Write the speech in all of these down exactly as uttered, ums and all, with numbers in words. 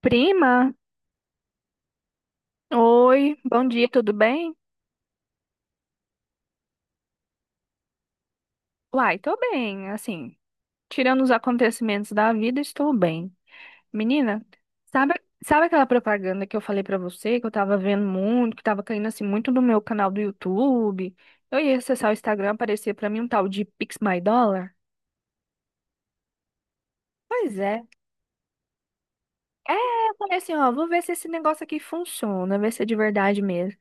Prima, oi, bom dia, tudo bem? Uai, tô bem, assim, tirando os acontecimentos da vida, estou bem. Menina, sabe, sabe aquela propaganda que eu falei pra você, que eu tava vendo muito, que tava caindo assim muito no meu canal do YouTube? Eu ia acessar o Instagram, aparecia pra mim um tal de Pix My Dollar? Pois é. É, eu falei assim, ó, vou ver se esse negócio aqui funciona, ver se é de verdade mesmo.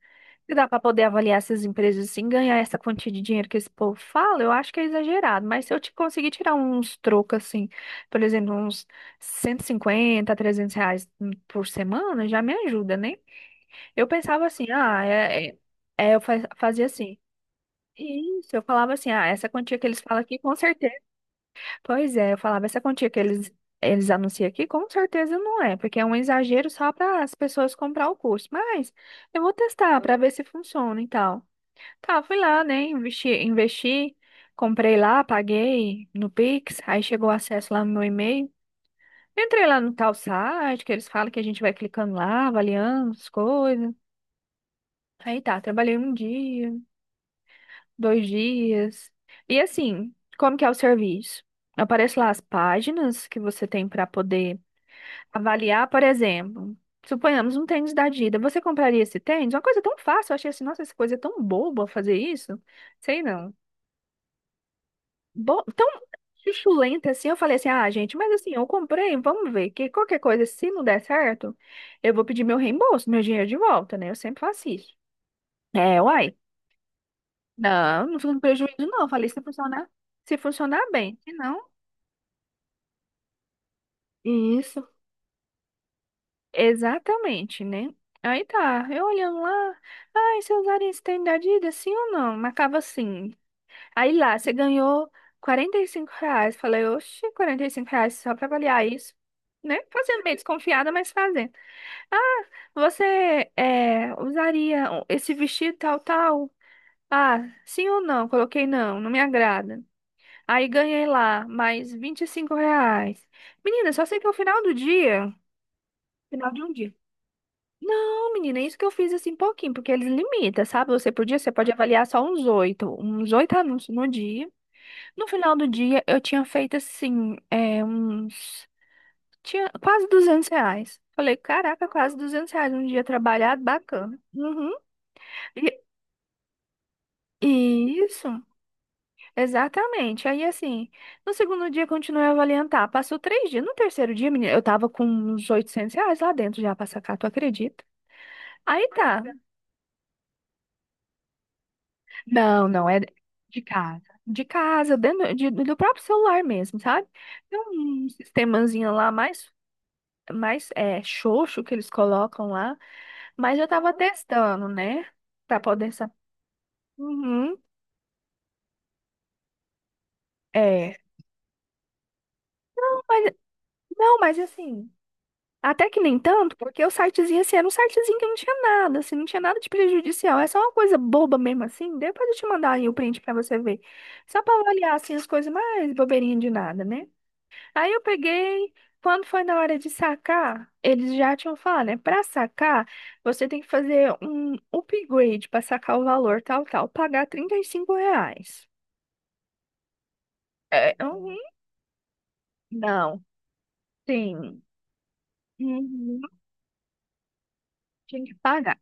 Se dá para poder avaliar essas empresas assim, ganhar essa quantia de dinheiro que esse povo fala, eu acho que é exagerado, mas se eu te conseguir tirar uns trocos assim, por exemplo, uns cento e cinquenta, trezentos reais por semana, já me ajuda, né? Eu pensava assim, ah, é, é- é, eu fa- fazia assim. Isso, eu falava assim, ah, essa quantia que eles falam aqui, com certeza. Pois é, eu falava essa quantia que eles, eles anunciam aqui, com certeza não é, porque é um exagero só para as pessoas comprar o curso. Mas eu vou testar para ver se funciona e tal. Tá, fui lá, né? Investi, investi, comprei lá, paguei no Pix, aí chegou o acesso lá no meu e-mail. Entrei lá no tal site, que eles falam que a gente vai clicando lá, avaliando as coisas. Aí tá, trabalhei um dia, dois dias. E assim, como que é o serviço? Aparece lá as páginas que você tem para poder avaliar, por exemplo, suponhamos um tênis da Adidas. Você compraria esse tênis? Uma coisa tão fácil, eu achei assim, nossa, essa coisa é tão boba fazer isso. Sei não. Bo- tão chuchulenta assim, eu falei assim, ah, gente, mas assim, eu comprei, vamos ver, que qualquer coisa, se não der certo, eu vou pedir meu reembolso, meu dinheiro de volta, né? Eu sempre faço isso. É, uai. Não, não fico com prejuízo, não. Eu falei, se funcionar, se funcionar bem. Se não, isso. Exatamente, né? Aí tá, eu olhando lá, ai, você usaria esse tênis da Adidas, sim ou não? Marcava sim. Aí lá, você ganhou quarenta e cinco reais. Falei, oxe, quarenta e cinco reais só pra avaliar isso, né? Fazendo meio desconfiada, mas fazendo. "Ah, você é, usaria o- esse vestido tal, tal? Ah, sim ou não?" Coloquei não, não me agrada. Aí ganhei lá mais vinte e cinco reais. Menina, só sei que é o final do dia, final de um dia. Não, menina, é isso que eu fiz assim pouquinho, porque eles limitam, sabe? Você por dia, você pode avaliar só uns oito, uns oito anúncios no dia. No final do dia, eu tinha feito assim, é, uns. Tinha quase duzentos reais. Falei, caraca, quase duzentos reais um dia trabalhado, bacana. Uhum. E, e isso, exatamente. Aí assim, no segundo dia, continuei a avaliar. Passou três dias. No terceiro dia, menina, eu tava com uns oitocentos reais lá dentro já pra sacar, tu acredita? Aí tá. Não, não, é de casa. De casa, dentro de- do próprio celular mesmo, sabe? Tem um sistemazinho lá mais, mais é, xoxo que eles colocam lá, mas eu tava testando, né? Pra poder saber. Uhum, é. Mas, não, mas assim, até que nem tanto, porque o sitezinho, assim, era um sitezinho que não tinha nada, assim, não tinha nada de prejudicial. É só uma coisa boba mesmo, assim. Depois eu te mandar aí o print pra você ver. Só pra avaliar, assim, as coisas mais bobeirinhas de nada, né? Aí eu peguei, quando foi na hora de sacar, eles já tinham falado, né? Para sacar, você tem que fazer um upgrade para sacar o valor tal, tal, pagar trinta e cinco reais. É, uhum, não, sim, uhum, tinha que pagar.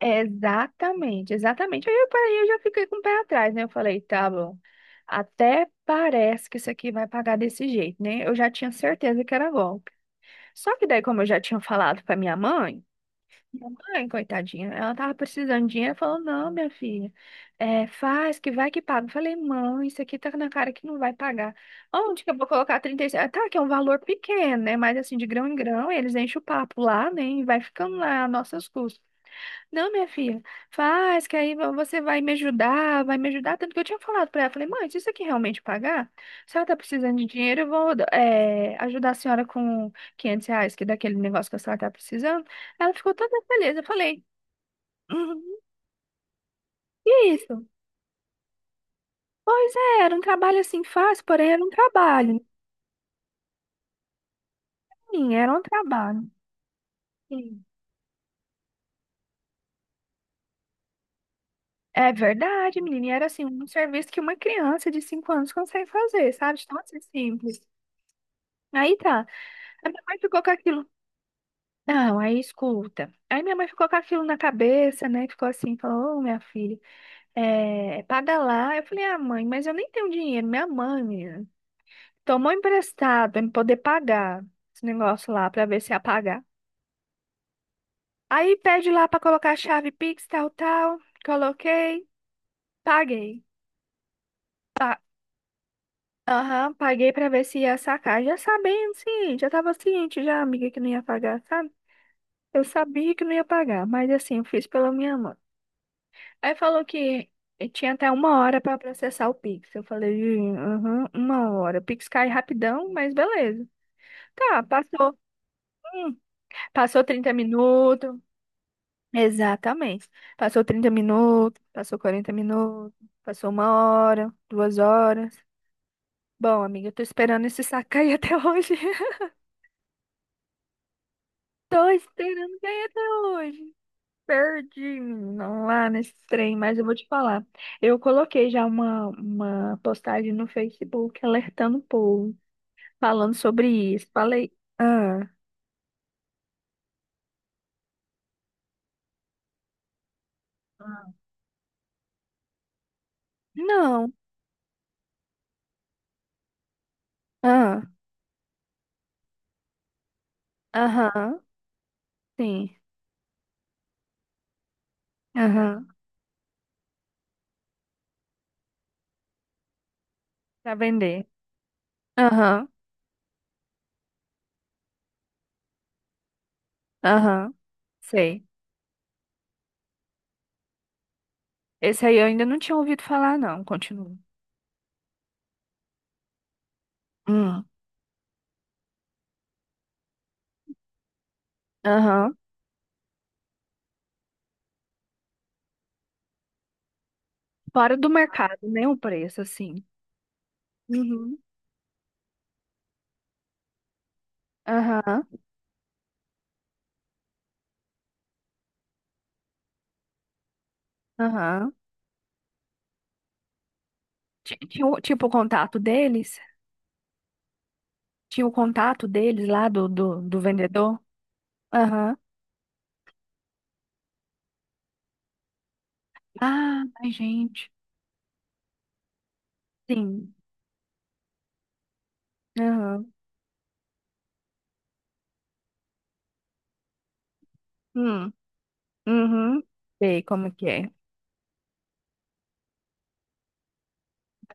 Exatamente, exatamente. Aí eu parei, eu já fiquei com o pé atrás, né? Eu falei, tá bom, até parece que isso aqui vai pagar desse jeito, né? Eu já tinha certeza que era golpe. Só que daí, como eu já tinha falado para minha mãe, mãe coitadinha, ela tava precisando de dinheiro, falou, não, minha filha, é, faz, que vai que paga. Eu falei, mãe, isso aqui tá na cara que não vai pagar. Onde que eu vou colocar trinta e seis? Ah, tá, que é um valor pequeno, né, mas assim, de grão em grão, eles enchem o papo lá, né, e vai ficando lá a nossas custas. Não, minha filha, faz, que aí vo- você vai me ajudar, vai me ajudar. Tanto que eu tinha falado pra ela, falei, mãe, se isso aqui realmente pagar, se ela tá precisando de dinheiro, eu vou eh, ajudar a senhora com quinhentos reais, que é daquele negócio que a senhora tá precisando. Ela ficou toda feliz. Eu falei, "Uhum, que isso?" Pois é, era um trabalho assim fácil, porém era um trabalho. Sim, era um trabalho. Sim. É verdade, menina. E era assim, um serviço que uma criança de cinco anos consegue fazer, sabe? De tão assim, simples. Aí tá. A minha mãe ficou com aquilo. Não, aí escuta. Aí minha mãe ficou com aquilo na cabeça, né? Ficou assim, falou, ô, minha filha, é, paga lá. Eu falei, ah, mãe, mas eu nem tenho dinheiro. Minha mãe, menina, tomou emprestado pra me poder pagar esse negócio lá, pra ver se ia pagar. Aí pede lá pra colocar a chave Pix, tal, tal. Coloquei, paguei. Pa- Aham, paguei pra ver se ia sacar. Já sabendo, sim, já tava ciente, já, amiga, que não ia pagar, sabe? Eu sabia que não ia pagar, mas assim, eu fiz pela minha mãe. Aí falou que tinha até uma hora para processar o Pix. Eu falei, "Ih, aham, uma hora." O Pix cai rapidão, mas beleza. Tá, passou. Hum, passou trinta minutos. Exatamente. Passou trinta minutos, passou quarenta minutos, passou uma hora, duas horas. Bom, amiga, eu tô esperando esse saco cair até hoje. Tô esperando cair até hoje. Perdi, menina, lá nesse trem, mas eu vou te falar. Eu coloquei já uma, uma postagem no Facebook alertando o povo, falando sobre isso. Falei, ah, não, ah, aham, sim, aham, pra vender. Aham, aham, sei. Esse aí eu ainda não tinha ouvido falar, não. Continua. Hum, aham. Fora do mercado, né? O preço, assim. Uhum, aham, aham. Ti- ti- Tipo o contato deles. Tinha o contato deles lá do, do, do vendedor? Aham. Ah, ai, gente. Sim. Aham. Hum. Uhum. Sei como que é.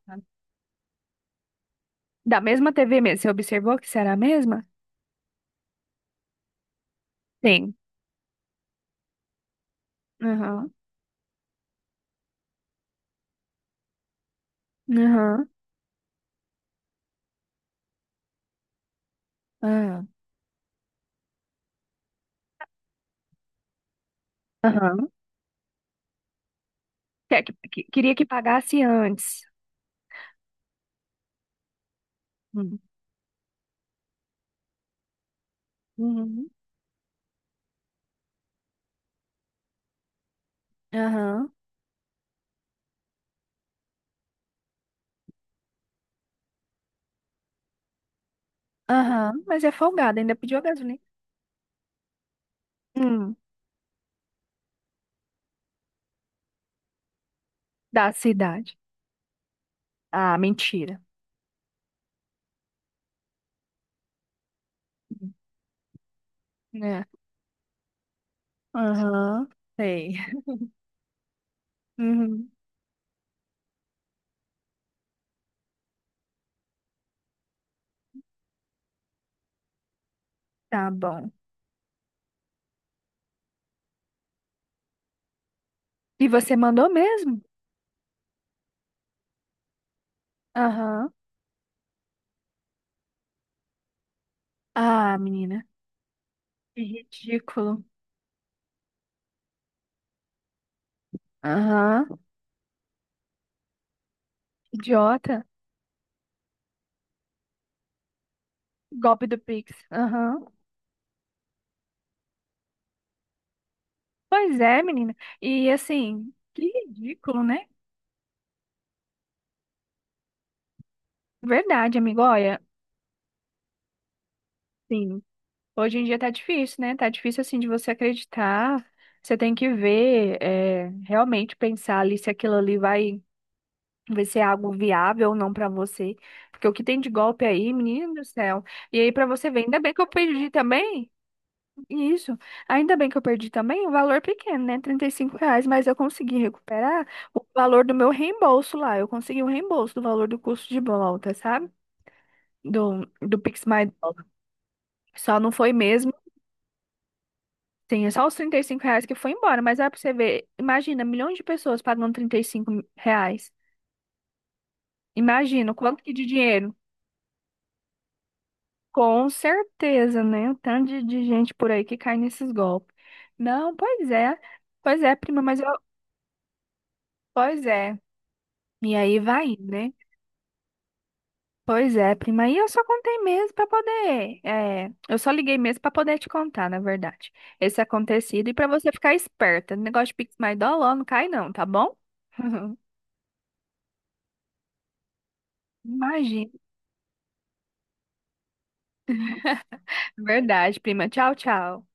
Aham. Da mesma T V mesmo. Você observou que será a mesma? Sim. Aham. Aham. Aham. Aham. Quer que- que- Queria que pagasse antes. Hum. Uhum. Aham. Aham. Mas é folgado, ainda pediu a gasolina. Hum. Da cidade. Ah, mentira. Né? Aham. Sei. Uhum. Tá bom. E você mandou mesmo? Aham. Ah, menina. Que ridículo. Aham. Idiota. Golpe do Pix. Aham. Pois é, menina. E assim, que ridículo, né? Verdade, amigo. Olha, sim. Hoje em dia tá difícil, né? Tá difícil assim de você acreditar. Você tem que ver, é, realmente pensar ali se aquilo ali vai, vai ser algo viável ou não pra você. Porque o que tem de golpe aí, menino do céu. E aí, pra você ver, ainda bem que eu perdi também. Isso. Ainda bem que eu perdi também o valor pequeno, né? Trinta e cinco reais, mas eu consegui recuperar o valor do meu reembolso lá. Eu consegui o reembolso do valor do custo de volta, sabe? Do, do Pix My Dollar. Só não foi mesmo. Tem só os trinta e cinco reais que foi embora, mas é pra você ver. Imagina, milhões de pessoas pagando trinta e cinco reais. Imagina, o quanto que de dinheiro? Com certeza, né? O tanto de, de gente por aí que cai nesses golpes. Não, pois é. Pois é, prima, mas eu. Pois é. E aí vai, né? Pois é, prima, e eu só contei mesmo para poder, é, eu só liguei mesmo para poder te contar, na verdade, esse acontecido e para você ficar esperta. Negócio de Pix My Dollar não cai não, tá bom? Imagina. Verdade, prima. Tchau, tchau.